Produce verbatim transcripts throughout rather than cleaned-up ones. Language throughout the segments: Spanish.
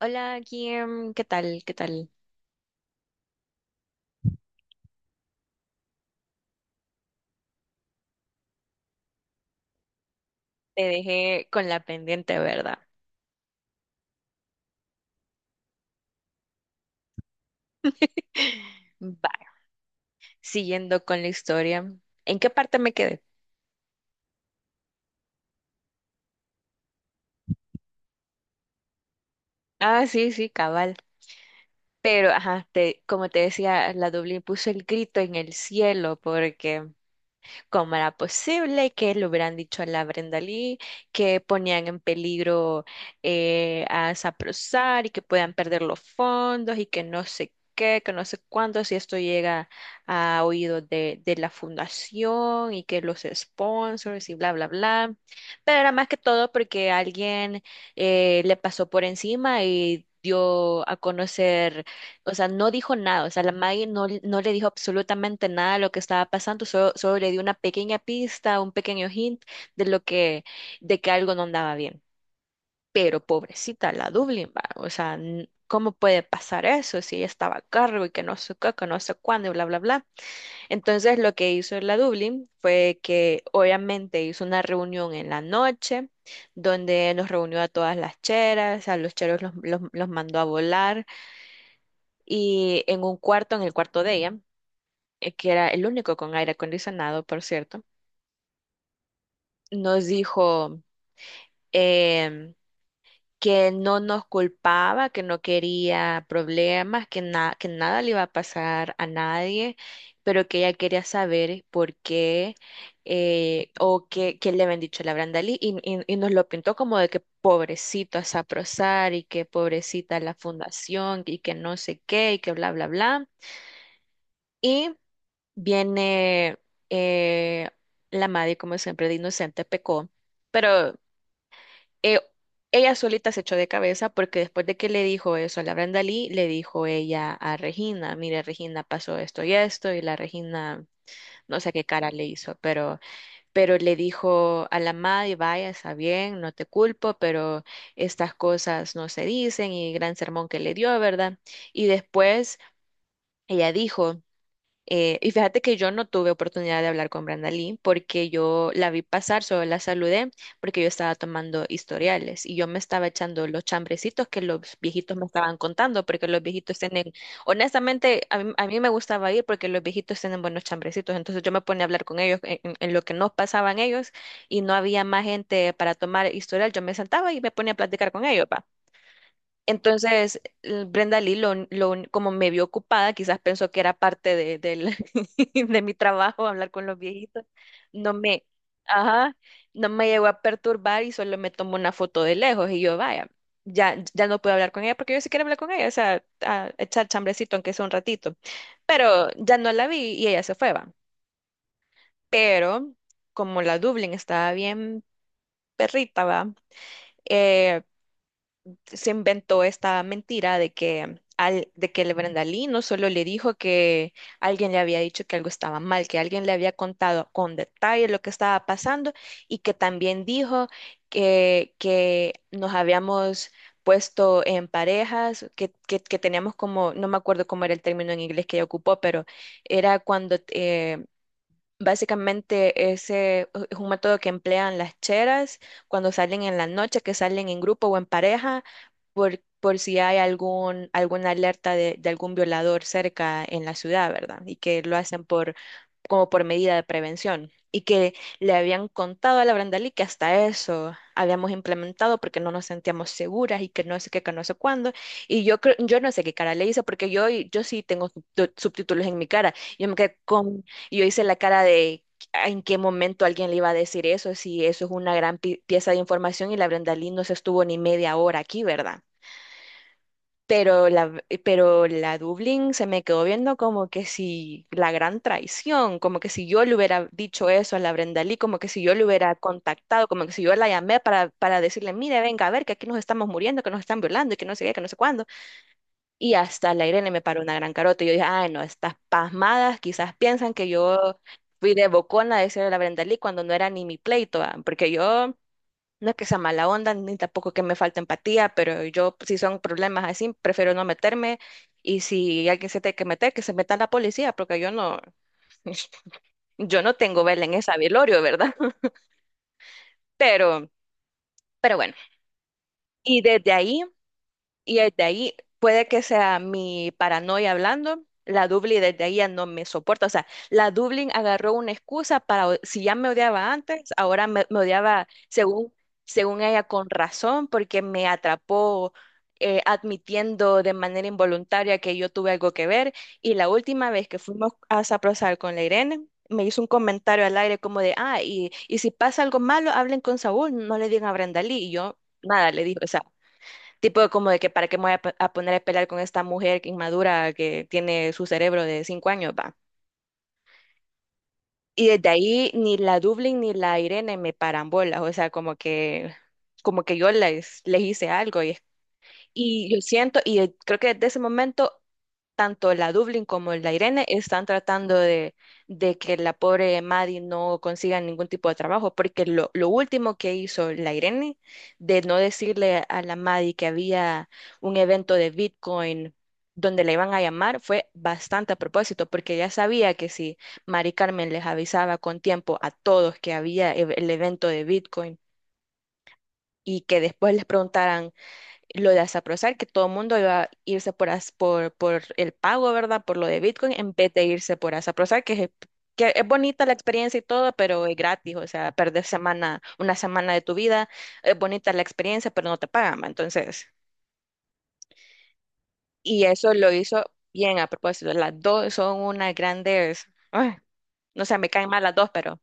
Hola, Kim, ¿qué tal? ¿Qué tal? Te dejé con la pendiente, ¿verdad? Va, siguiendo con la historia. ¿En qué parte me quedé? Ah, sí, sí, cabal. Pero, ajá, te, como te decía, la Dublín puso el grito en el cielo porque cómo era posible que le hubieran dicho a la Brenda Lee que ponían en peligro eh, a Saprosar y que puedan perder los fondos y que no sé qué, que no sé cuánto si esto llega a oídos de, de la fundación y que los sponsors y bla, bla, bla. Pero era más que todo porque alguien eh, le pasó por encima y dio a conocer, o sea, no dijo nada, o sea, la Maggie no, le- no le dijo absolutamente nada de lo que estaba pasando, solo, solo le dio una pequeña pista, un pequeño hint de lo que, de que algo no andaba bien. Pero pobrecita la Dublin, va, o sea, n- ¿cómo puede pasar eso si ella estaba a cargo y que no sé qué, que no sé cuándo y bla, bla, bla? Entonces lo que hizo la Dublin fue que obviamente hizo una reunión en la noche donde nos reunió a todas las cheras, a los cheros los, los los mandó a volar, y en un cuarto, en el cuarto de ella, eh, que era el único con aire acondicionado, por cierto, nos dijo, em, que no nos culpaba, que no quería problemas, que, na- que nada le iba a pasar a nadie, pero que ella quería saber por qué, eh, o qué, qué le habían dicho a la Brandalí, y, y- y nos lo pintó como de que pobrecito a Saprosar y que pobrecita la fundación y que no sé qué y que bla, bla, bla. Y viene, eh, la Maddie, como siempre, de inocente pecó, pero eh, ella solita se echó de cabeza porque después de que le dijo eso a la Brandalí, le dijo ella a Regina, mire, Regina, pasó esto y esto, y la Regina no sé qué cara le hizo, pero, pero le dijo a la Maddie, vaya, está bien, no te culpo, pero estas cosas no se dicen, y gran sermón que le dio, ¿verdad? Y después ella dijo... Eh, y fíjate que yo no tuve oportunidad de hablar con Brenda Lee porque yo la vi pasar, solo la saludé porque yo estaba tomando historiales y yo me estaba echando los chambrecitos que los viejitos me estaban contando porque los viejitos tienen, honestamente, a mí, a mí me gustaba ir porque los viejitos tienen buenos chambrecitos, entonces yo me ponía a hablar con ellos en, en- en lo que nos pasaban ellos, y no había más gente para tomar historial, yo me sentaba y me ponía a platicar con ellos, va. Entonces, l- Brenda Lee, lo, un- lo un- como me vio ocupada, quizás pensó que era parte de, del- de mi trabajo hablar con los viejitos. No me, ajá, no me llegó a perturbar y solo me tomó una foto de lejos. Y yo, vaya, ya, ya no puedo hablar con ella, porque yo sí quiero hablar con ella, o sea, a echar chambrecito, aunque sea un ratito. Pero ya no la vi y ella se fue, va. Pero como la Dublín estaba bien perrita, va, eh, se inventó esta mentira de que, al, de que el Brenda Lee no solo le dijo que alguien le había dicho que algo estaba mal, que alguien le había contado con detalle lo que estaba pasando, y que también dijo que, que nos habíamos puesto en parejas, que, que, que teníamos como, no me acuerdo cómo era el término en inglés que ella ocupó, pero era cuando... eh, Básicamente ese e, es un método que emplean las cheras cuando salen en la noche, que salen en grupo o en pareja, por, por si hay algún, alguna alerta de, de algún violador cerca en la ciudad, ¿verdad? Y que lo hacen por, como por medida de prevención, y que le habían contado a la Brandalí que hasta eso habíamos implementado porque no nos sentíamos seguras y que no sé qué, que no sé cuándo. Y yo creo, yo no sé qué cara le hice, porque yo, yo sí tengo subtu- subtítulos en mi cara. Yo me quedé con, yo hice la cara de en qué momento alguien le iba a decir eso, si eso es una gran pi- pieza de información y la Brandalí no se estuvo ni media hora aquí, ¿verdad? Pero la, pero la Dublín se me quedó viendo como que si la gran traición, como que si yo le hubiera dicho eso a la Brenda Lee, como que si yo le hubiera contactado, como que si yo la llamé para, para decirle, mire, venga a ver que aquí nos estamos muriendo, que nos están violando y que no sé qué, que no sé cuándo. Y hasta la Irene me paró una gran carota y yo dije, ay, no, estas pasmadas quizás piensan que yo fui de bocona a decirle a la Brenda Lee cuando no era ni mi pleito, ah. Porque yo... No es que sea mala onda, ni tampoco que me falte empatía, pero yo, si son problemas así, prefiero no meterme. Y si alguien se tiene que meter, que se meta la policía, porque yo no, yo no tengo vela en esa velorio, ¿verdad? Pero, pero bueno. Y desde ahí Y desde ahí, puede que sea mi paranoia hablando, la Dublin desde ahí ya no me soporta. O sea, la Dublin agarró una excusa para, o- si ya me odiaba antes, ahora me, me odiaba, según, según ella con razón, porque me atrapó eh, admitiendo de manera involuntaria que yo tuve algo que ver. Y la última vez que fuimos a Saprosal con la Irene, me hizo un comentario al aire como de, ah, y, y si pasa algo malo, hablen con Saúl, no le digan a Brenda Lee. Y yo, nada, le dije, o sea. Tipo como de que para qué me voy a, p- a poner a pelear con esta mujer que inmadura, que tiene su cerebro de cinco años, va. Y desde ahí ni la Dublin ni la Irene me paran bolas, o sea, como que, como que yo les, les hice algo. Y, y yo siento, y eh, creo que desde ese momento tanto la Dublin como la Irene están tratando de, de que la pobre Maddie no consiga ningún tipo de trabajo, porque lo, lo último que hizo la Irene, de no decirle a la Maddie que había un evento de Bitcoin donde la iban a llamar, fue bastante a propósito, porque ya sabía que si Mari Carmen les avisaba con tiempo a todos que había ev- el evento de Bitcoin y que después les preguntaran lo de Zaprozar, que todo el mundo iba a irse por, as- por, por el pago, ¿verdad? Por lo de Bitcoin, en vez de irse por Zaprozar, que es, que es bonita la experiencia y todo, pero es gratis, o sea, perder semana, una semana de tu vida, es bonita la experiencia, pero no te pagan, ¿va? Entonces, y eso lo hizo bien a propósito. Las dos son unas grandes, ay, no sé, me caen mal las dos, pero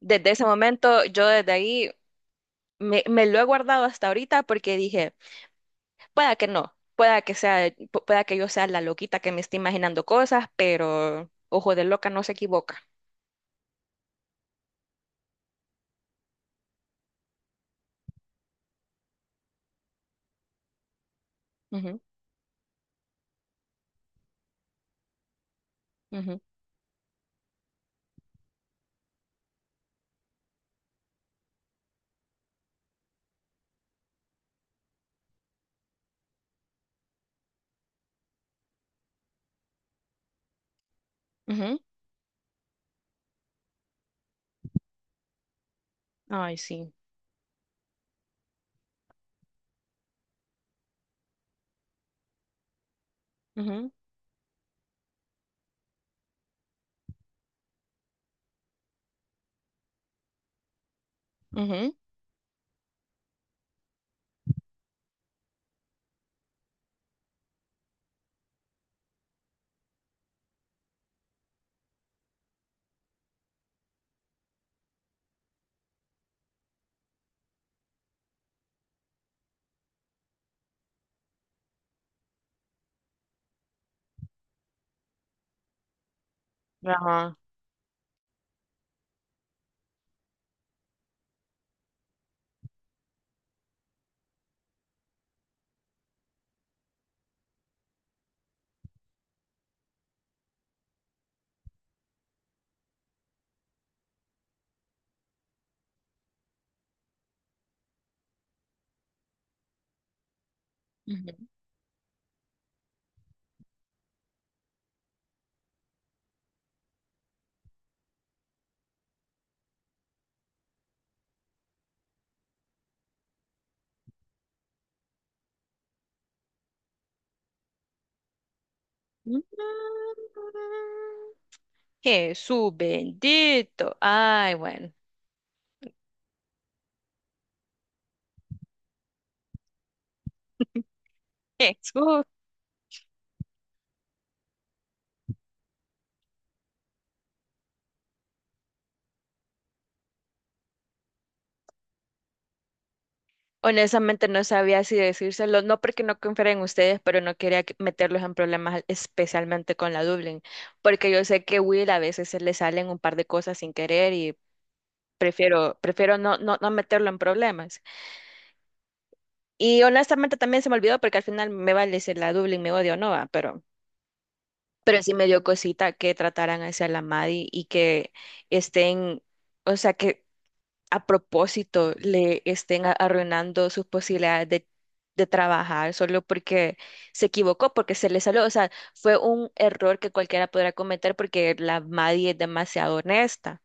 desde ese momento, yo desde ahí, me, me lo he guardado hasta ahorita, porque dije, pueda que no, pueda que sea, eh, pu- pueda que yo sea la loquita que me esté imaginando cosas, pero ojo de loca no se equivoca. Ujú, ujú, ujú. Ay, sí. Ujú, ujú. Ajá. Ujú. Jesús bendito. Ay, bueno. Jesús. Honestamente no sabía si decírselo, no porque no confiara en ustedes, pero no quería que- meterlos en problemas, especialmente con la Dublin, porque yo sé que Will a veces se le salen un par de cosas sin querer. Prefiero, prefiero no, no, no meterlo en problemas. Y honestamente también se me olvidó porque al final me vale si la Dublin me odia o no, va, pero, pero sí me dio cosita que trataran hacia la Maddie y que estén, o sea, que a propósito le estén a- arruinando sus posibilidades de, de trabajar, solo porque se equivocó, porque se le salió, o sea, fue un error que cualquiera podrá cometer, porque la Maddie es demasiado honesta.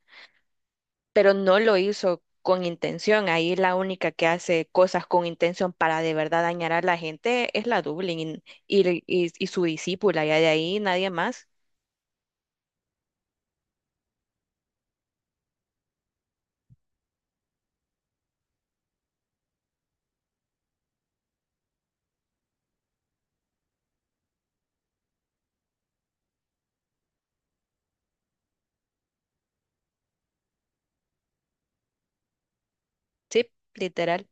Pero no lo hizo con intención. Ahí la única que hace cosas con intención para de verdad dañar a la gente es la Dublín, y, y, y su discípula, y de ahí nadie más. Sí, literal.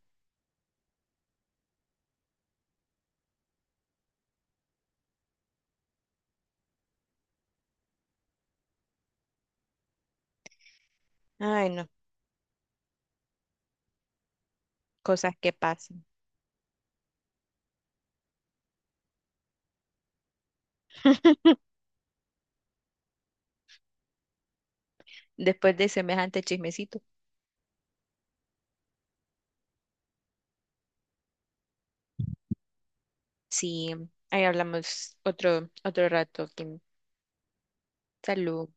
Ay, no, cosas que pasan. Después de semejante chismecito. Sí, ahí hablamos otro, otro rato, Kim. Salud.